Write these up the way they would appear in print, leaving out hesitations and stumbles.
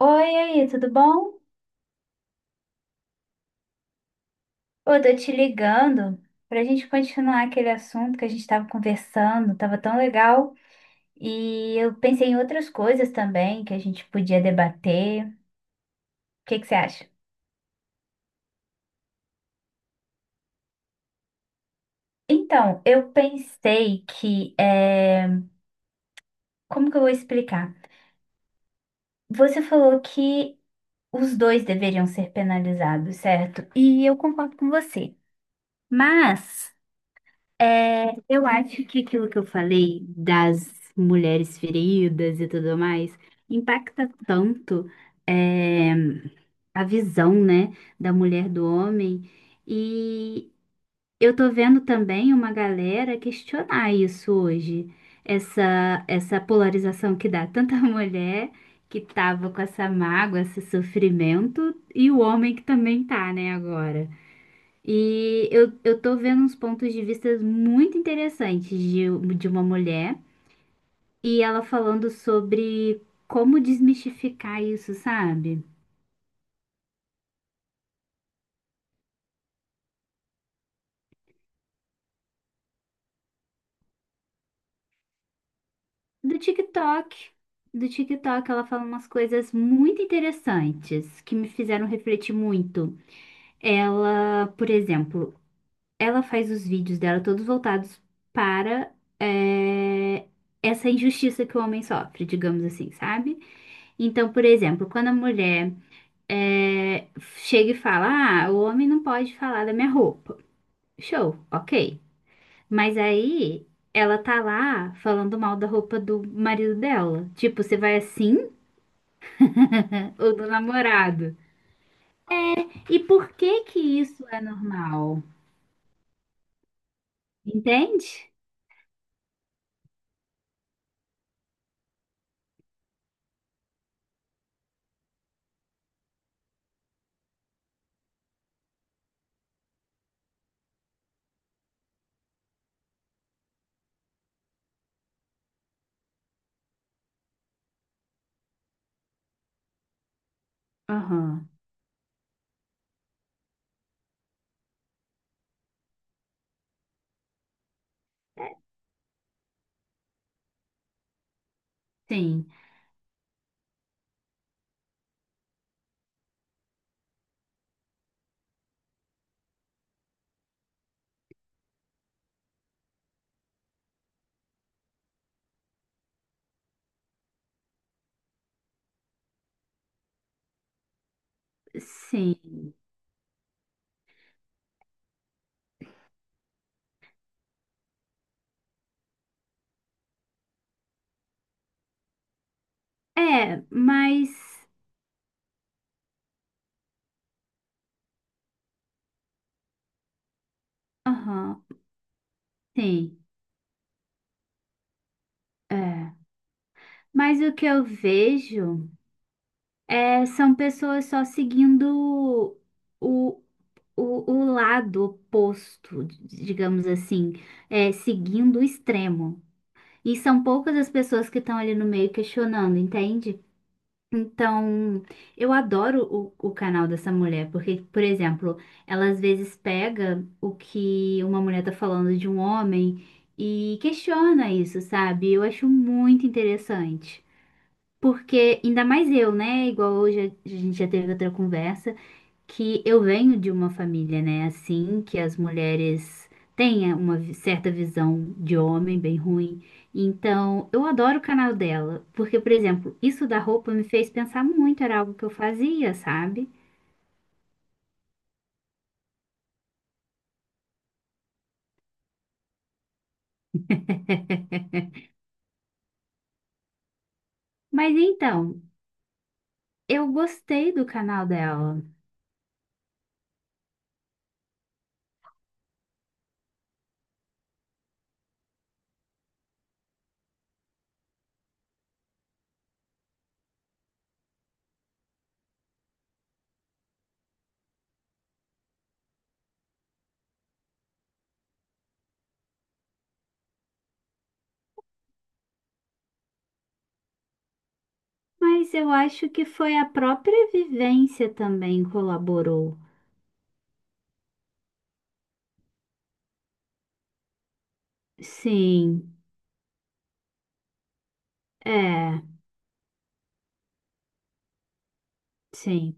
Oi, aí, tudo bom? Eu tô te ligando pra gente continuar aquele assunto que a gente tava conversando, tava tão legal. E eu pensei em outras coisas também que a gente podia debater. O que que você acha? Então, eu pensei que, como que eu vou explicar? Você falou que os dois deveriam ser penalizados, certo? E eu concordo com você. Mas eu acho que aquilo que eu falei das mulheres feridas e tudo mais impacta tanto é, a visão, né, da mulher do homem. E eu tô vendo também uma galera questionar isso hoje, essa polarização que dá tanta mulher que tava com essa mágoa, esse sofrimento, e o homem que também tá, né, agora. E eu tô vendo uns pontos de vista muito interessantes de uma mulher e ela falando sobre como desmistificar isso, sabe? Do TikTok. Do TikTok, ela fala umas coisas muito interessantes que me fizeram refletir muito. Ela, por exemplo, ela faz os vídeos dela todos voltados para eh, essa injustiça que o homem sofre, digamos assim, sabe? Então, por exemplo, quando a mulher é, chega e fala: Ah, o homem não pode falar da minha roupa. Show, ok. Mas aí ela tá lá falando mal da roupa do marido dela. Tipo, você vai assim? Ou do namorado? E por que que isso é normal? Entende? Aham. Sim, sim. É, mas. Aham, sim. É. Mas o que eu vejo é, são pessoas só seguindo o, o lado oposto, digamos assim, seguindo o extremo. E são poucas as pessoas que estão ali no meio questionando, entende? Então, eu adoro o canal dessa mulher, porque, por exemplo, ela às vezes pega o que uma mulher tá falando de um homem e questiona isso, sabe? Eu acho muito interessante. Porque, ainda mais eu, né? Igual hoje a gente já teve outra conversa que eu venho de uma família, né? Assim, que as mulheres têm uma certa visão de homem bem ruim. Então, eu adoro o canal dela, porque, por exemplo, isso da roupa me fez pensar muito, era algo que eu fazia, sabe? Mas então, eu gostei do canal dela, mas eu acho que foi a própria vivência também colaborou. Sim, é, sim,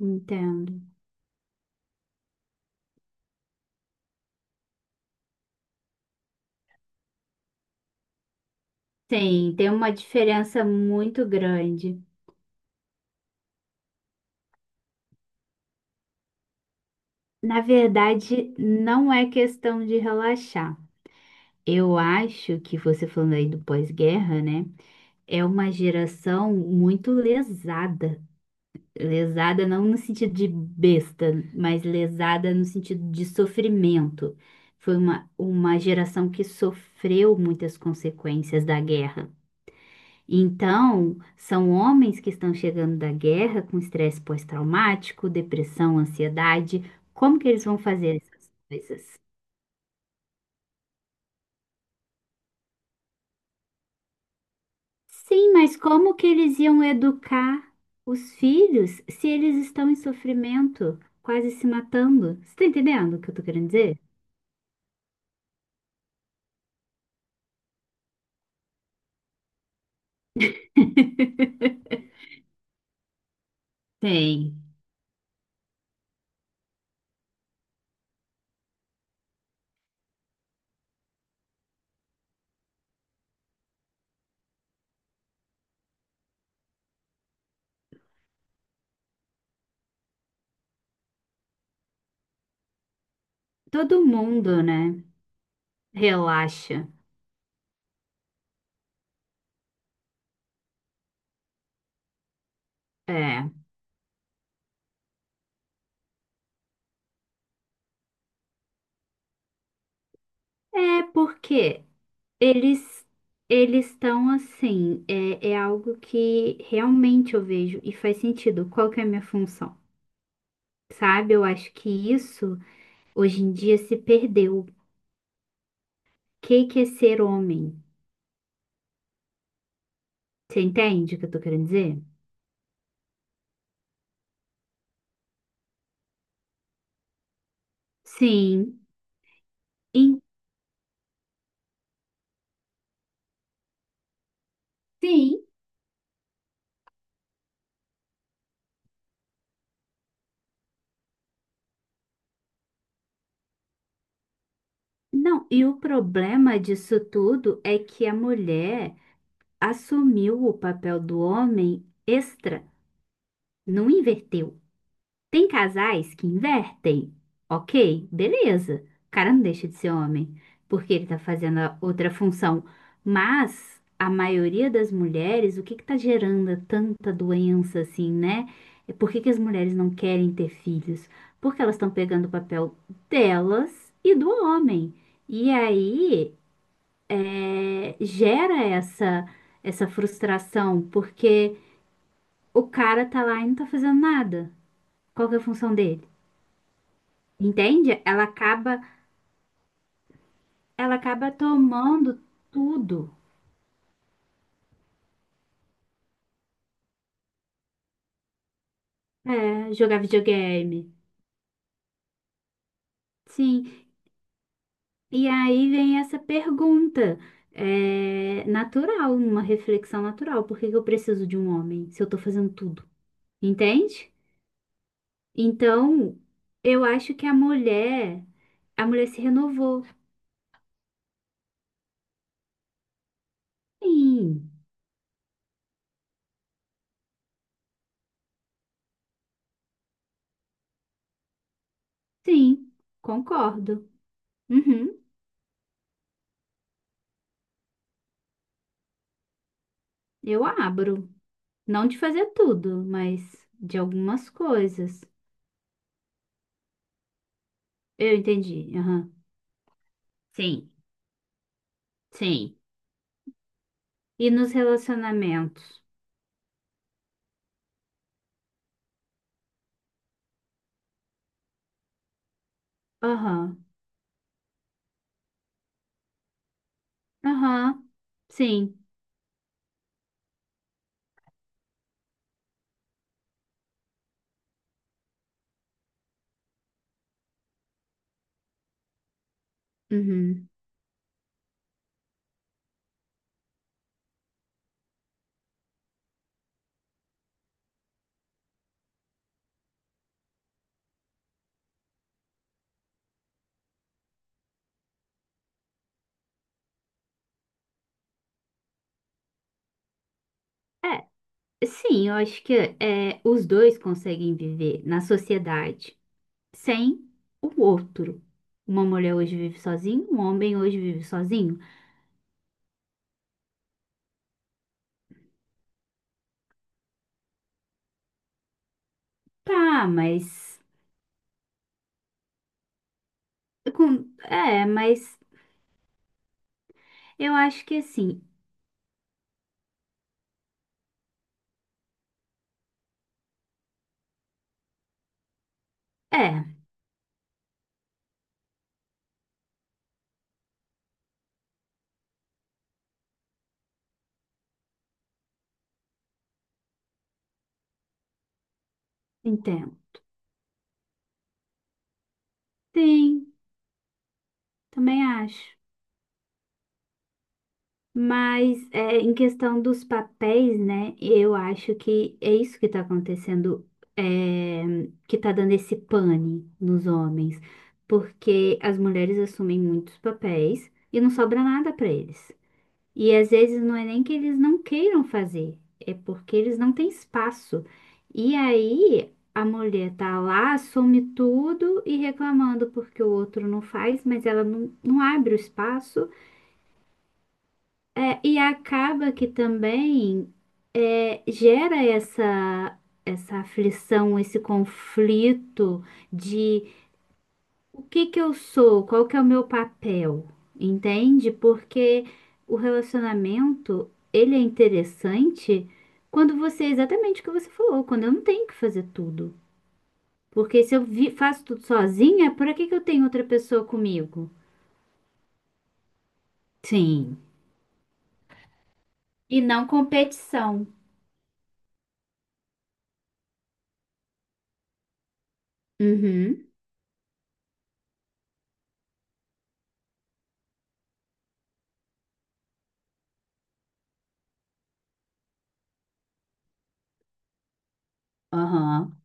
entendo. Sim, tem uma diferença muito grande. Na verdade, não é questão de relaxar. Eu acho que você falando aí do pós-guerra, né? É uma geração muito lesada. Lesada não no sentido de besta, mas lesada no sentido de sofrimento. Foi uma geração que sofreu muitas consequências da guerra. Então, são homens que estão chegando da guerra com estresse pós-traumático, depressão, ansiedade. Como que eles vão fazer essas coisas? Sim, mas como que eles iam educar os filhos se eles estão em sofrimento, quase se matando? Você tá entendendo o que eu tô querendo dizer? Tem. Todo mundo, né? Relaxa. É. É porque eles eles estão assim, é algo que realmente eu vejo e faz sentido. Qual que é a minha função? Sabe? Eu acho que isso hoje em dia se perdeu. O que que é ser homem? Você entende o que eu tô querendo dizer? Sim, em- sim. Não, e o problema disso tudo é que a mulher assumiu o papel do homem extra, não inverteu. Tem casais que invertem. Ok, beleza. O cara não deixa de ser homem, porque ele tá fazendo a outra função. Mas a maioria das mulheres, o que que tá gerando tanta doença assim, né? Por que que as mulheres não querem ter filhos? Porque elas estão pegando o papel delas e do homem. E aí gera essa frustração, porque o cara tá lá e não tá fazendo nada. Qual que é a função dele? Entende? Ela acaba tomando tudo. É, jogar videogame. Sim. E aí vem essa pergunta, natural, uma reflexão natural. Por que que eu preciso de um homem se eu tô fazendo tudo? Entende? Então, eu acho que a mulher se renovou. Sim, sim, concordo. Uhum, eu abro. Não de fazer tudo, mas de algumas coisas. Eu entendi. Sim, sim. E nos relacionamentos? Aham, aham, sim. Uhum. É, sim, eu acho que os dois conseguem viver na sociedade sem o outro. Uma mulher hoje vive sozinha, um homem hoje vive sozinho. Tá, mas eu acho que assim. É, entendo. Sim, também acho. Mas em questão dos papéis, né? Eu acho que é isso que está acontecendo, é, que está dando esse pane nos homens, porque as mulheres assumem muitos papéis e não sobra nada para eles. E às vezes não é nem que eles não queiram fazer, é porque eles não têm espaço. E aí a mulher tá lá, assume tudo e reclamando porque o outro não faz, mas ela não abre o espaço. É, e acaba que também gera essa aflição, esse conflito de o que que eu sou, qual que é o meu papel, entende? Porque o relacionamento, ele é interessante quando você, exatamente o que você falou, quando eu não tenho que fazer tudo. Porque se eu faço tudo sozinha, por que que eu tenho outra pessoa comigo? Sim. E não competição. Uhum. Aham.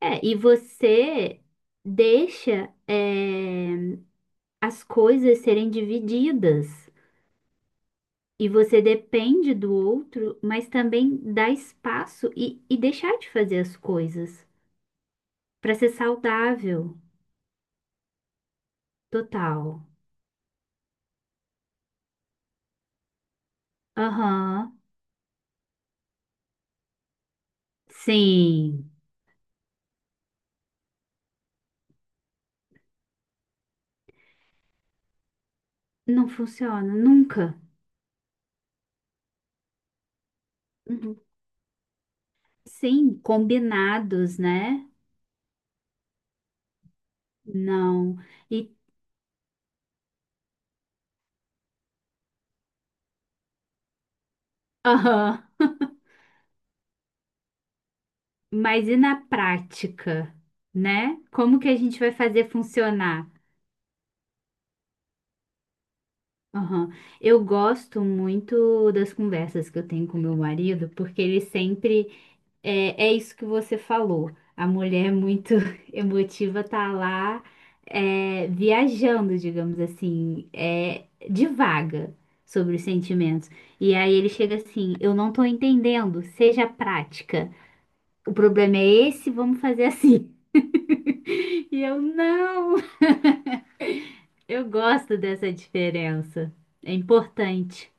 É, e você deixa, as coisas serem divididas. E você depende do outro, mas também dá espaço e deixar de fazer as coisas para ser saudável. Total. Aham. Sim. Não funciona nunca. Uhum. Sim, combinados, né? Não. E aham. Mas e na prática, né? Como que a gente vai fazer funcionar? Aham. Eu gosto muito das conversas que eu tenho com meu marido, porque ele sempre é isso que você falou. A mulher muito emotiva tá lá viajando, digamos assim, divaga sobre os sentimentos. E aí ele chega assim, eu não tô entendendo, seja prática. O problema é esse, vamos fazer assim. E eu não, eu gosto dessa diferença. É importante.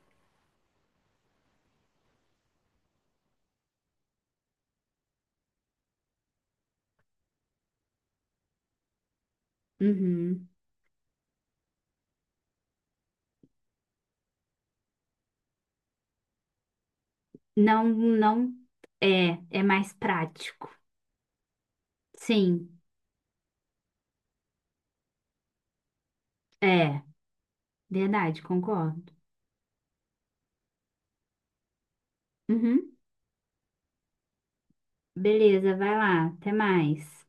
Uhum. Não, não é, é mais prático. Sim, é verdade, concordo. Uhum. Beleza, vai lá, até mais.